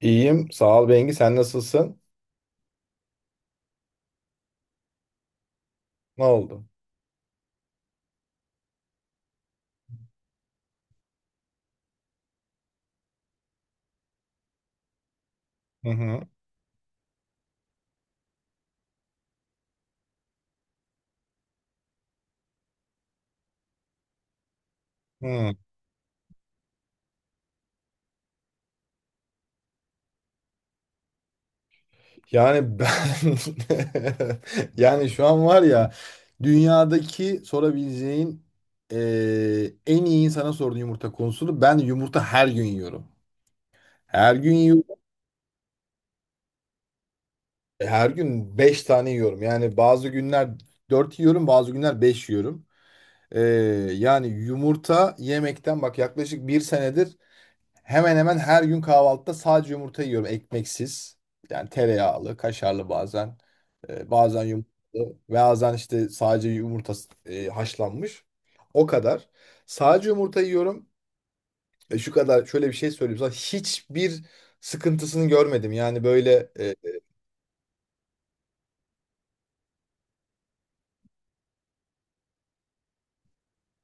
İyiyim. Sağ ol, Bengi. Sen nasılsın? Ne oldu? Hı hı. Hı. Yani ben, yani şu an var ya, dünyadaki sorabileceğin en iyi insana sorduğun yumurta konusunu ben yumurta her gün yiyorum. Her gün yiyorum. Her gün 5 tane yiyorum. Yani bazı günler 4 yiyorum, bazı günler 5 yiyorum. Eee, yani yumurta yemekten bak, yaklaşık bir senedir hemen hemen her gün kahvaltıda sadece yumurta yiyorum ekmeksiz. Yani tereyağlı, kaşarlı bazen. Bazen yumurtalı. Bazen işte sadece yumurta haşlanmış. O kadar. Sadece yumurta yiyorum. Şu kadar şöyle bir şey söyleyeyim sana. Hiçbir sıkıntısını görmedim. Yani böyle.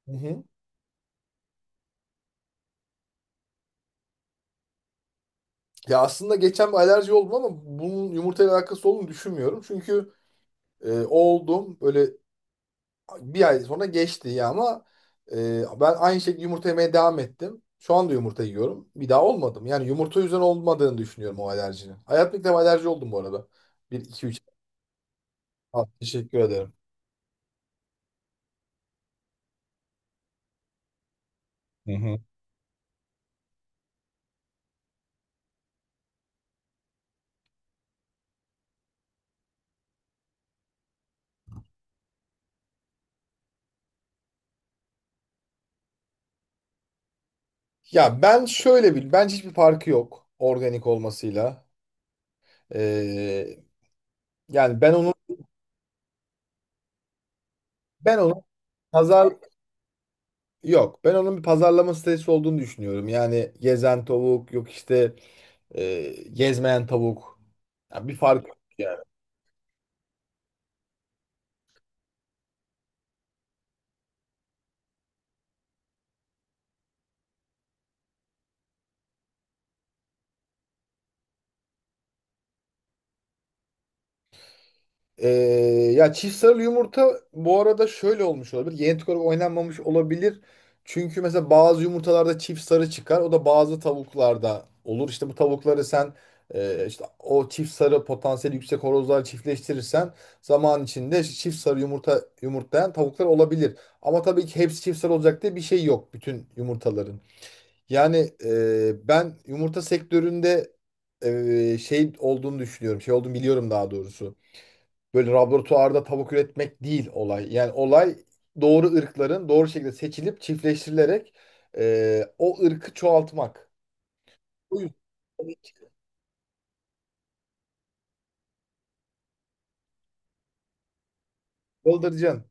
Hı hı. Ya aslında geçen bir alerji oldum ama bunun yumurtayla alakası olduğunu düşünmüyorum. Çünkü oldum böyle, bir ay sonra geçti ya, ama ben aynı şekilde yumurta yemeye devam ettim. Şu anda yumurta yiyorum. Bir daha olmadım. Yani yumurta yüzünden olmadığını düşünüyorum o alerjinin. Hayatımda ilk defa alerji oldum bu arada. Bir, iki, üç. Teşekkür ederim. Hı hı. Ya ben şöyle bil, bence hiçbir farkı yok organik olmasıyla. Ee, yani ben onun ben onun pazar yok. Ben onun bir pazarlama stratejisi olduğunu düşünüyorum. Yani gezen tavuk yok işte, gezmeyen tavuk. Ya bir fark yok yani. Ee, ya çift sarılı yumurta bu arada şöyle olmuş olabilir. Genetik olarak oynanmamış olabilir. Çünkü mesela bazı yumurtalarda çift sarı çıkar. O da bazı tavuklarda olur. İşte bu tavukları sen, işte o çift sarı potansiyeli yüksek horozlar çiftleştirirsen zaman içinde çift sarı yumurta yumurtlayan tavuklar olabilir. Ama tabii ki hepsi çift sarı olacak diye bir şey yok bütün yumurtaların. Yani ben yumurta sektöründe şey olduğunu düşünüyorum. Şey olduğunu biliyorum daha doğrusu. Böyle laboratuvarda tavuk üretmek değil olay. Yani olay, doğru ırkların doğru şekilde seçilip çiftleştirilerek o ırkı çoğaltmak. O yüzden bıldırcın.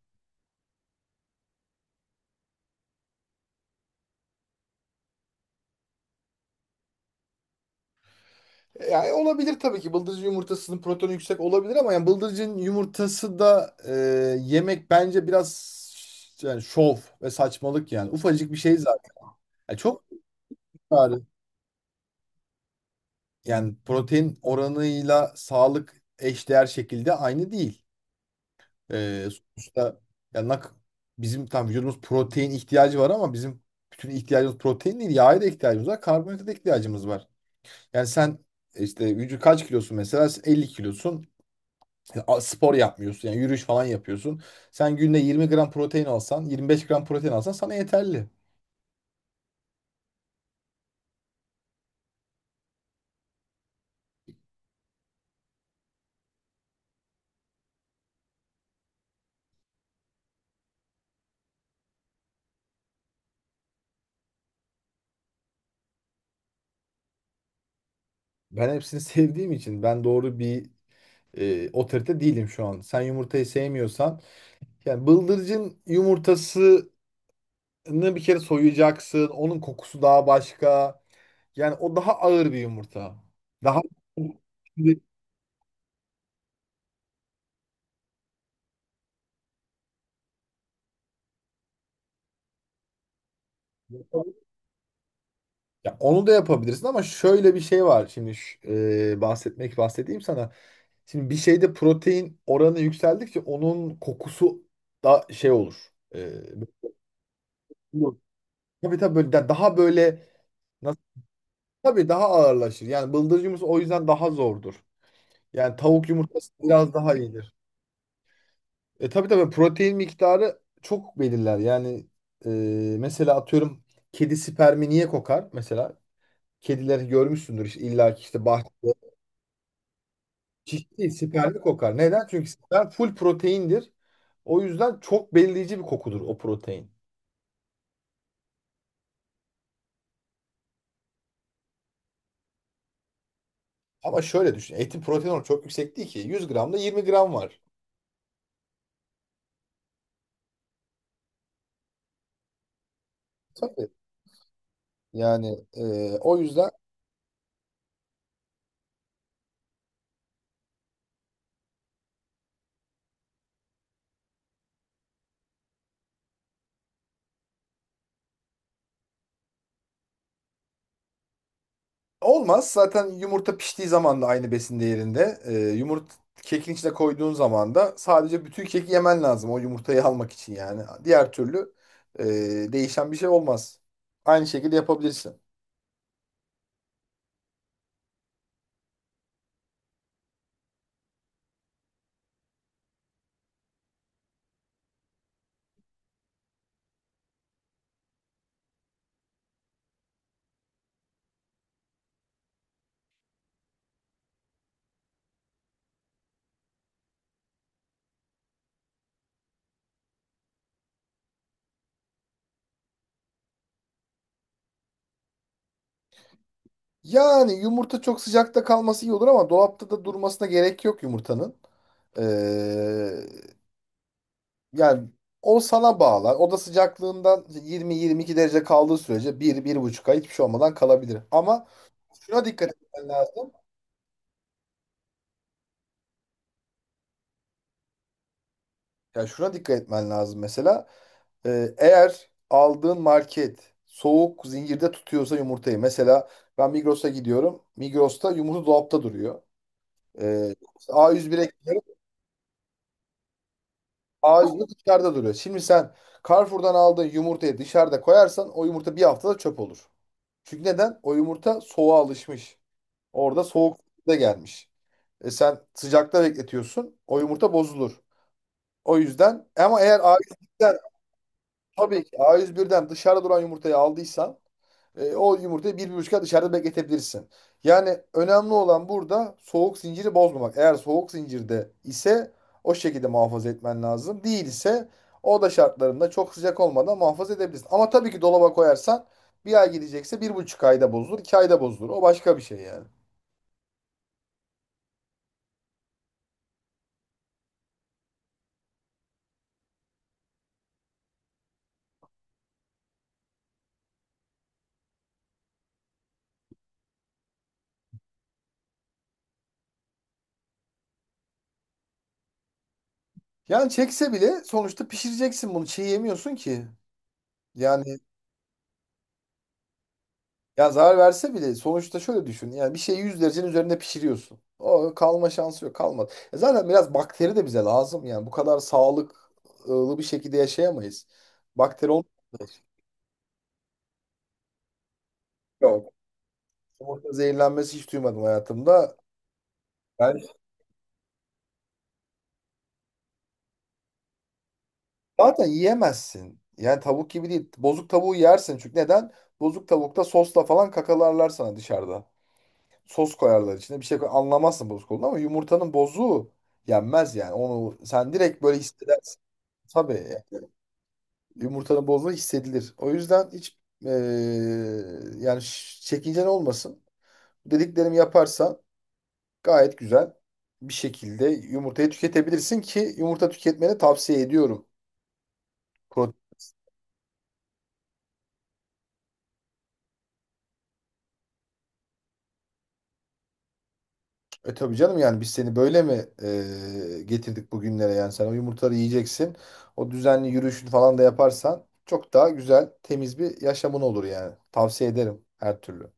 Yani olabilir tabii ki. Bıldırcın yumurtasının protonu yüksek olabilir ama yani bıldırcın yumurtası da yemek bence biraz yani şov ve saçmalık yani. Ufacık bir şey zaten. Yani çok miktarı, yani protein oranıyla sağlık eşdeğer şekilde aynı değil. Ee, sonuçta yani bizim tam vücudumuz protein ihtiyacı var ama bizim bütün ihtiyacımız protein değil. Yağa da ihtiyacımız var. Karbonhidrata da ihtiyacımız var. Yani sen işte vücut, kaç kilosun mesela? Sen 50 kilosun. Ya, spor yapmıyorsun. Yani yürüyüş falan yapıyorsun. Sen günde 20 gram protein alsan, 25 gram protein alsan sana yeterli. Ben hepsini sevdiğim için ben doğru bir otorite değilim şu an. Sen yumurtayı sevmiyorsan yani bıldırcın yumurtasını bir kere soyacaksın. Onun kokusu daha başka. Yani o daha ağır bir yumurta. Daha ya onu da yapabilirsin ama şöyle bir şey var. Şimdi ş- e, bahsetmek bahsedeyim sana. Şimdi bir şeyde protein oranı yükseldikçe onun kokusu da şey olur. Tabii tabii böyle daha böyle, nasıl, tabii daha ağırlaşır. Yani bıldırcın yumurtası o yüzden daha zordur. Yani tavuk yumurtası biraz daha iyidir. Tabii tabii protein miktarı çok belirler. Yani e, mesela atıyorum, kedi spermi niye kokar mesela? Kedileri görmüşsündür işte, illa ki işte bahçede. Çiş değil, siperli kokar. Neden? Çünkü siper full proteindir. O yüzden çok belirleyici bir kokudur o protein. Ama şöyle düşün. Etin protein oranı çok yüksek değil ki. 100 gramda 20 gram var. Tabii. Yani o yüzden olmaz. Zaten yumurta piştiği zaman da aynı besin değerinde. Yumurta kekin içine koyduğun zaman da sadece bütün keki yemen lazım, o yumurtayı almak için yani. Diğer türlü e, değişen bir şey olmaz. Aynı şekilde yapabilirsin. Yani yumurta çok sıcakta kalması iyi olur, ama dolapta da durmasına gerek yok yumurtanın. Ee, yani o sana bağlar. Oda sıcaklığından 20-22 derece kaldığı sürece bir, bir buçuk ay hiçbir şey olmadan kalabilir. Ama şuna dikkat etmen lazım. Ya şuna dikkat etmen lazım mesela. Eğer aldığın market soğuk zincirde tutuyorsa yumurtayı. Mesela ben Migros'a gidiyorum. Migros'ta yumurta dolapta duruyor. Ee, A101'e Ağacı dışarıda duruyor. Şimdi sen Carrefour'dan aldığın yumurtayı dışarıda koyarsan o yumurta bir haftada çöp olur. Çünkü neden? O yumurta soğuğa alışmış. Orada soğuk da gelmiş. Sen sıcakta bekletiyorsun. O yumurta bozulur. O yüzden ama eğer ağaç. Tabii ki A101'den dışarıda duran yumurtayı aldıysan o yumurtayı bir, bir buçuk ay dışarıda bekletebilirsin. Yani önemli olan burada soğuk zinciri bozmamak. Eğer soğuk zincirde ise o şekilde muhafaza etmen lazım. Değilse o da şartlarında çok sıcak olmadan muhafaza edebilirsin. Ama tabii ki dolaba koyarsan bir ay gidecekse bir buçuk ayda bozulur, 2 ayda bozulur. O başka bir şey yani. Yani çekse bile sonuçta pişireceksin bunu. Çiğ yemiyorsun ki. Yani, ya zarar verse bile sonuçta şöyle düşün. Yani bir şeyi 100 derecenin üzerinde pişiriyorsun. O kalma şansı yok, kalmadı. Zaten biraz bakteri de bize lazım yani. Bu kadar sağlıklı bir şekilde yaşayamayız. Bakteri olmuyor. Yok. Yumurta zehirlenmesi hiç duymadım hayatımda. Yani zaten yiyemezsin. Yani tavuk gibi değil. Bozuk tavuğu yersin, çünkü neden? Bozuk tavukta sosla falan kakalarlar sana dışarıda. Sos koyarlar içine bir şey koy. Anlamazsın bozuk olduğunu ama yumurtanın bozuğu yenmez yani. Onu sen direkt böyle hissedersin. Tabii. Yumurtanın bozma hissedilir. O yüzden hiç yani çekincen olmasın. Dediklerimi yaparsan gayet güzel bir şekilde yumurtayı tüketebilirsin ki, yumurta tüketmeni tavsiye ediyorum. Pro- tabii canım, yani biz seni böyle mi getirdik bugünlere, yani sen o yumurtaları yiyeceksin. O düzenli yürüyüşünü falan da yaparsan çok daha güzel, temiz bir yaşamın olur yani. Tavsiye ederim her türlü.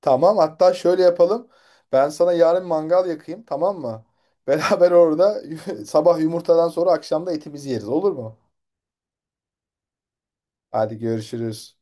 Tamam, hatta şöyle yapalım. Ben sana yarın mangal yakayım, tamam mı? Beraber orada sabah yumurtadan sonra akşam da etimizi yeriz, olur mu? Hadi görüşürüz.